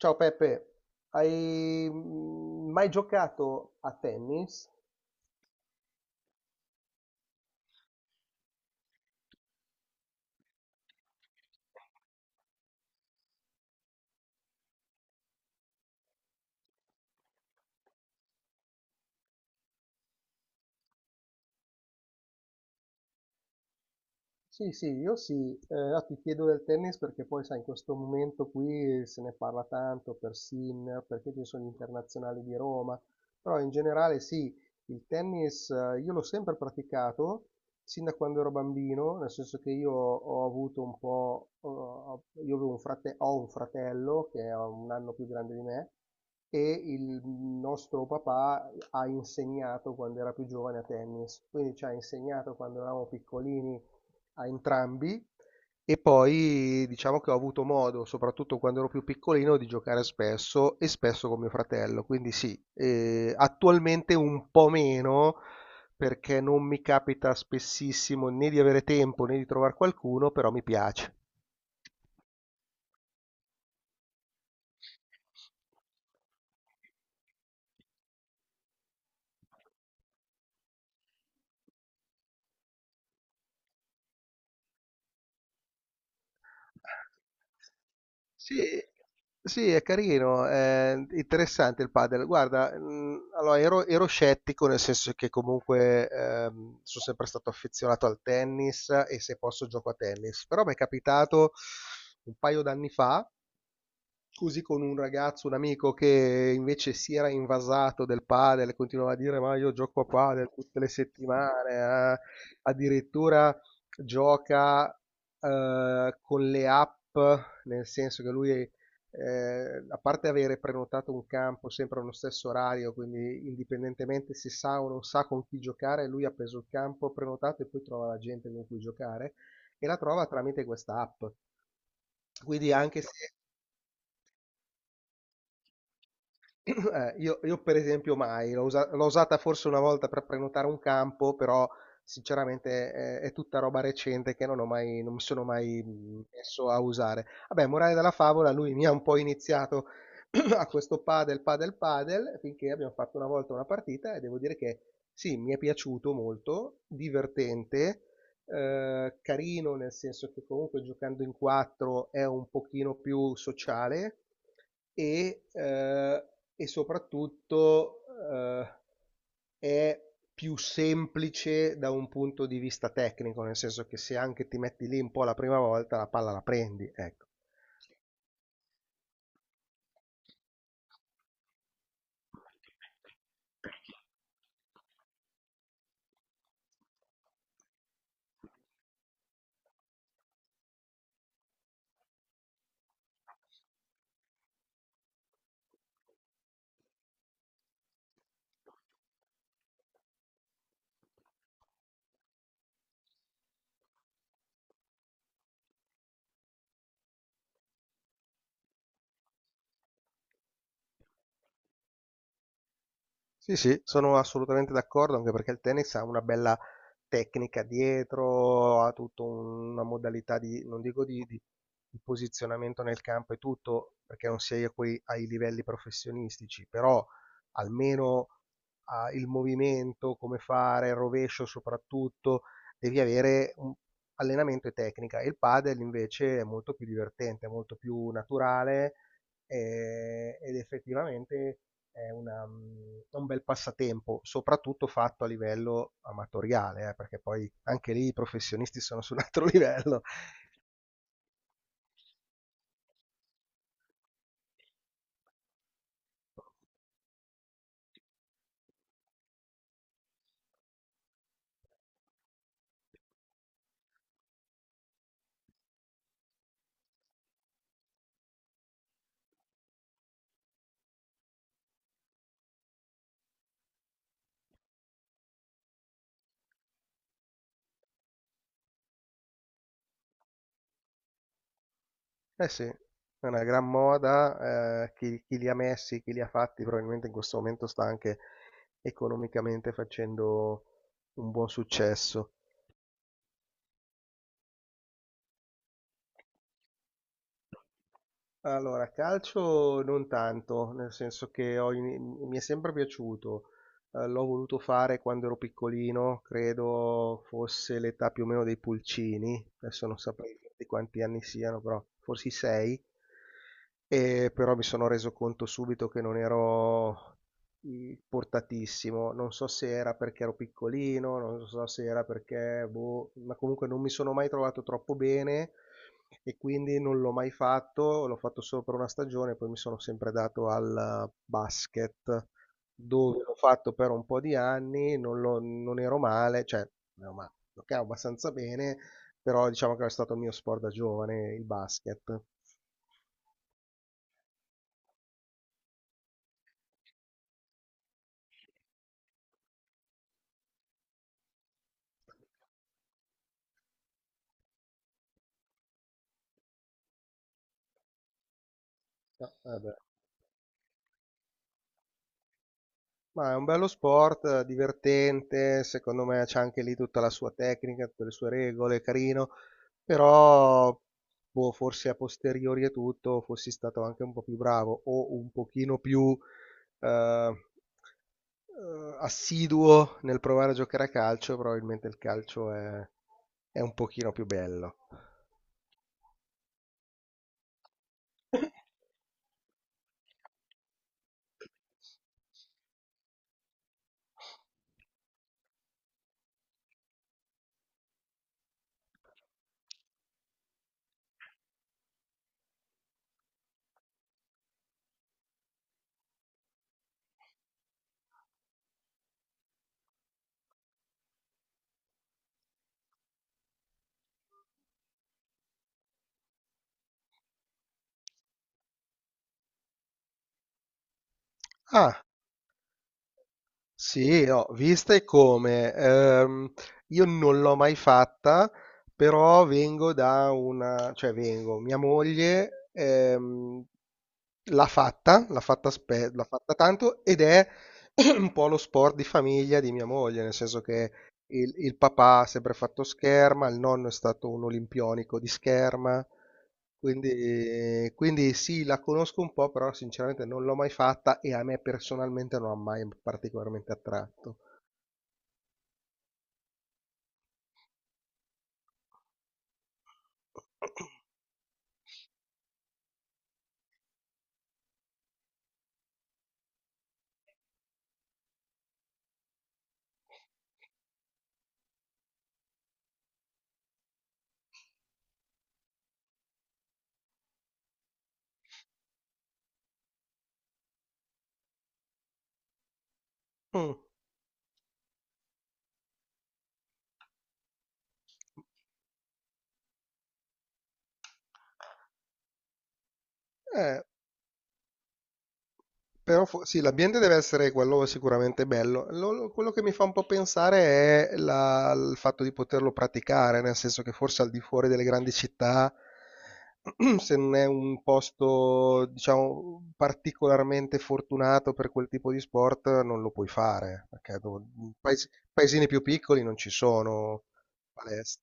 Ciao Peppe, hai mai giocato a tennis? Sì, sì, io sì. No, ti chiedo del tennis perché poi, sai, in questo momento qui se ne parla tanto per Sinner, perché ci sono gli internazionali di Roma, però in generale sì, il tennis io l'ho sempre praticato sin da quando ero bambino, nel senso che io ho avuto un po', io avevo un frate- ho un fratello che è un anno più grande di me e il nostro papà ha insegnato quando era più giovane a tennis, quindi ci ha insegnato quando eravamo piccolini a entrambi. E poi diciamo che ho avuto modo, soprattutto quando ero più piccolino, di giocare spesso e spesso con mio fratello, quindi sì, attualmente un po' meno, perché non mi capita spessissimo né di avere tempo né di trovare qualcuno, però mi piace. Sì, sì, è carino, è interessante il padel. Guarda, allora ero scettico, nel senso che comunque sono sempre stato affezionato al tennis e se posso gioco a tennis, però mi è capitato un paio d'anni fa così con un ragazzo, un amico che invece si era invasato del padel, continuava a dire ma io gioco a padel tutte le settimane, eh." Addirittura gioca con le app, nel senso che lui, a parte avere prenotato un campo sempre allo stesso orario, quindi indipendentemente se sa o non sa con chi giocare, lui ha preso il campo prenotato e poi trova la gente con cui giocare, e la trova tramite questa app. Quindi anche se. Io per esempio mai, l'ho usata forse una volta per prenotare un campo, però sinceramente tutta roba recente che non ho mai, non mi sono mai messo a usare. Vabbè, morale della favola, lui mi ha un po' iniziato a questo padel, padel, padel, finché abbiamo fatto una volta una partita e devo dire che sì, mi è piaciuto molto, divertente, carino, nel senso che comunque giocando in quattro è un pochino più sociale e, eh, e soprattutto eh, è più semplice da un punto di vista tecnico, nel senso che se anche ti metti lì un po' la prima volta, la palla la prendi, ecco. Sì, sì, sono assolutamente d'accordo, anche perché il tennis ha una bella tecnica dietro, ha tutta una modalità non dico di, di posizionamento nel campo e tutto, perché non sei a quei, ai livelli professionistici, però almeno ah, il movimento, come fare, il rovescio soprattutto, devi avere un allenamento e tecnica. Il padel invece è molto più divertente, è molto più naturale ed effettivamente è un bel passatempo, soprattutto fatto a livello amatoriale, perché poi anche lì i professionisti sono su un altro livello. Eh sì, è una gran moda, chi li ha messi, chi li ha fatti, probabilmente in questo momento sta anche economicamente facendo un buon successo. Allora, calcio non tanto, nel senso che mi è sempre piaciuto. L'ho voluto fare quando ero piccolino, credo fosse l'età più o meno dei pulcini, adesso non saprei di quanti anni siano, però forse 6. E però mi sono reso conto subito che non ero portatissimo. Non so se era perché ero piccolino, non so se era perché boh, ma comunque non mi sono mai trovato troppo bene, e quindi non l'ho mai fatto, l'ho fatto solo per una stagione, poi mi sono sempre dato al basket, dove l'ho fatto per un po' di anni, non ero male, cioè, non ero male, giocavo abbastanza bene, però diciamo che è stato il mio sport da giovane, il basket. Ah, vabbè. Ma è un bello sport, divertente, secondo me c'è anche lì tutta la sua tecnica, tutte le sue regole, carino, però boh, forse a posteriori e tutto fossi stato anche un po' più bravo o un pochino più eh, assiduo nel provare a giocare a calcio, probabilmente il calcio è un pochino più bello. Ah, sì, ho viste come, io non l'ho mai fatta, però vengo da una, cioè vengo, mia moglie l'ha fatta, l'ha fatta, l'ha fatta tanto ed è un po' lo sport di famiglia di mia moglie, nel senso che il papà ha sempre fatto scherma, il nonno è stato un olimpionico di scherma, quindi sì, la conosco un po', però sinceramente non l'ho mai fatta e a me personalmente non ha mai particolarmente attratto. Mm. Eh, però sì, l'ambiente deve essere quello sicuramente bello. Quello che mi fa un po' pensare è il fatto di poterlo praticare, nel senso che forse al di fuori delle grandi città, se non è un posto, diciamo, particolarmente fortunato per quel tipo di sport, non lo puoi fare, perché paesini più piccoli non ci sono palestre.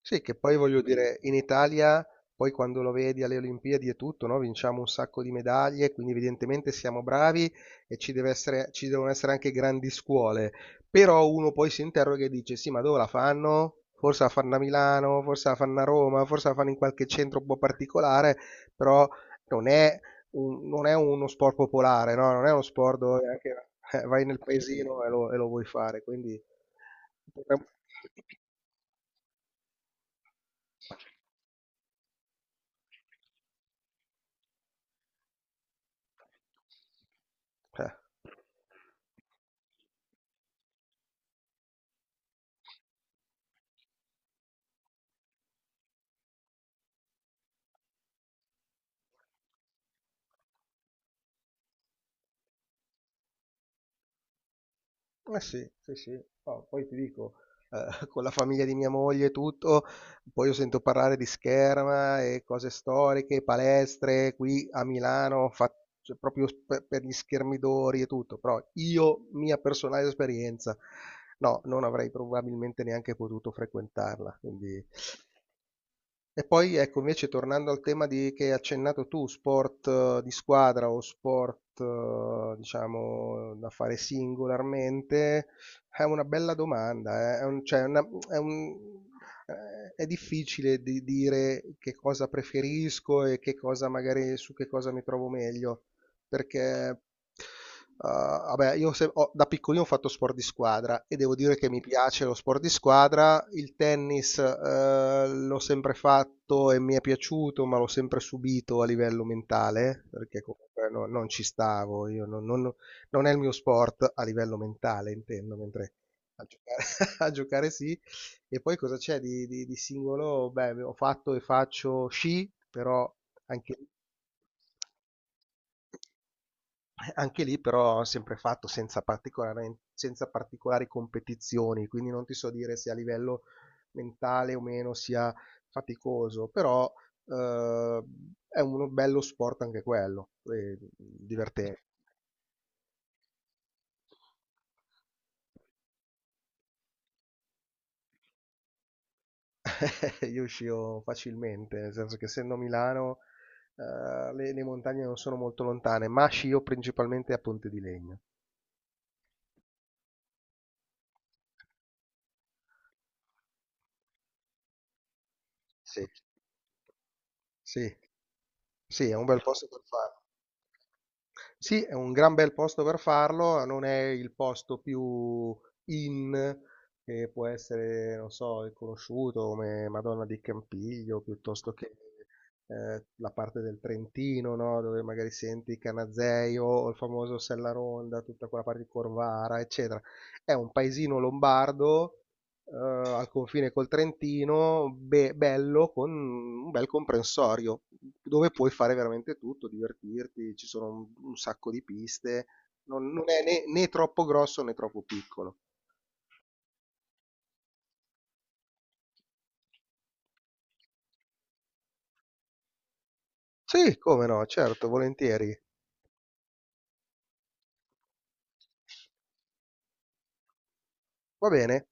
Sì, che poi voglio dire, in Italia, poi quando lo vedi alle Olimpiadi e tutto, no? Vinciamo un sacco di medaglie, quindi evidentemente siamo bravi e ci devono essere anche grandi scuole. Però uno poi si interroga e dice, sì, ma dove la fanno? Forse la fanno a Milano, forse la fanno a Roma, forse la fanno in qualche centro un po' particolare, però non è, non è uno sport popolare, no? Non è uno sport dove anche vai nel paesino e lo vuoi fare, quindi. potremmo- Eh. Eh sì, sì, sì. No, poi ti dico, con la famiglia di mia moglie e tutto, poi io sento parlare di scherma e cose storiche, palestre qui a Milano, cioè, proprio per, gli schermidori e tutto, però io, mia personale esperienza, no, non avrei probabilmente neanche potuto frequentarla, quindi. E poi ecco, invece tornando al tema di che hai accennato tu, sport di squadra o sport, diciamo, da fare singolarmente, è una bella domanda, eh. Cioè, è difficile di dire che cosa preferisco e che cosa magari su che cosa mi trovo meglio, perché Uh, vabbè, io se- ho- da piccolino ho fatto sport di squadra e devo dire che mi piace lo sport di squadra. Il tennis, l'ho sempre fatto e mi è piaciuto, ma l'ho sempre subito a livello mentale, perché comunque non ci stavo, io non, non è il mio sport a livello mentale, intendo, mentre a giocare, a giocare sì. E poi cosa c'è di singolo? Beh, ho fatto e faccio sci, però anche lì. Anche lì però ho sempre fatto senza particolari competizioni, quindi non ti so dire se a livello mentale o meno sia faticoso, però, uhm, è uno bello sport anche quello, e diverten Io uscivo facilmente, nel senso che essendo a Milano, le montagne non sono molto lontane, ma scio principalmente a Ponte di Legno. Sì, sì. Sì, è un bel posto per farlo. Sì, è un gran bel posto per farlo, non è il posto più in che può essere, non so, conosciuto come Madonna di Campiglio, piuttosto che la parte del Trentino, no? Dove magari senti il Canazei o il famoso Sella Ronda, tutta quella parte di Corvara, eccetera. È un paesino lombardo al confine col Trentino, bello, con un bel comprensorio, dove puoi fare veramente tutto, divertirti, ci sono un sacco di piste, non è né, né troppo grosso né troppo piccolo. Sì, come no, certo, volentieri. Va bene.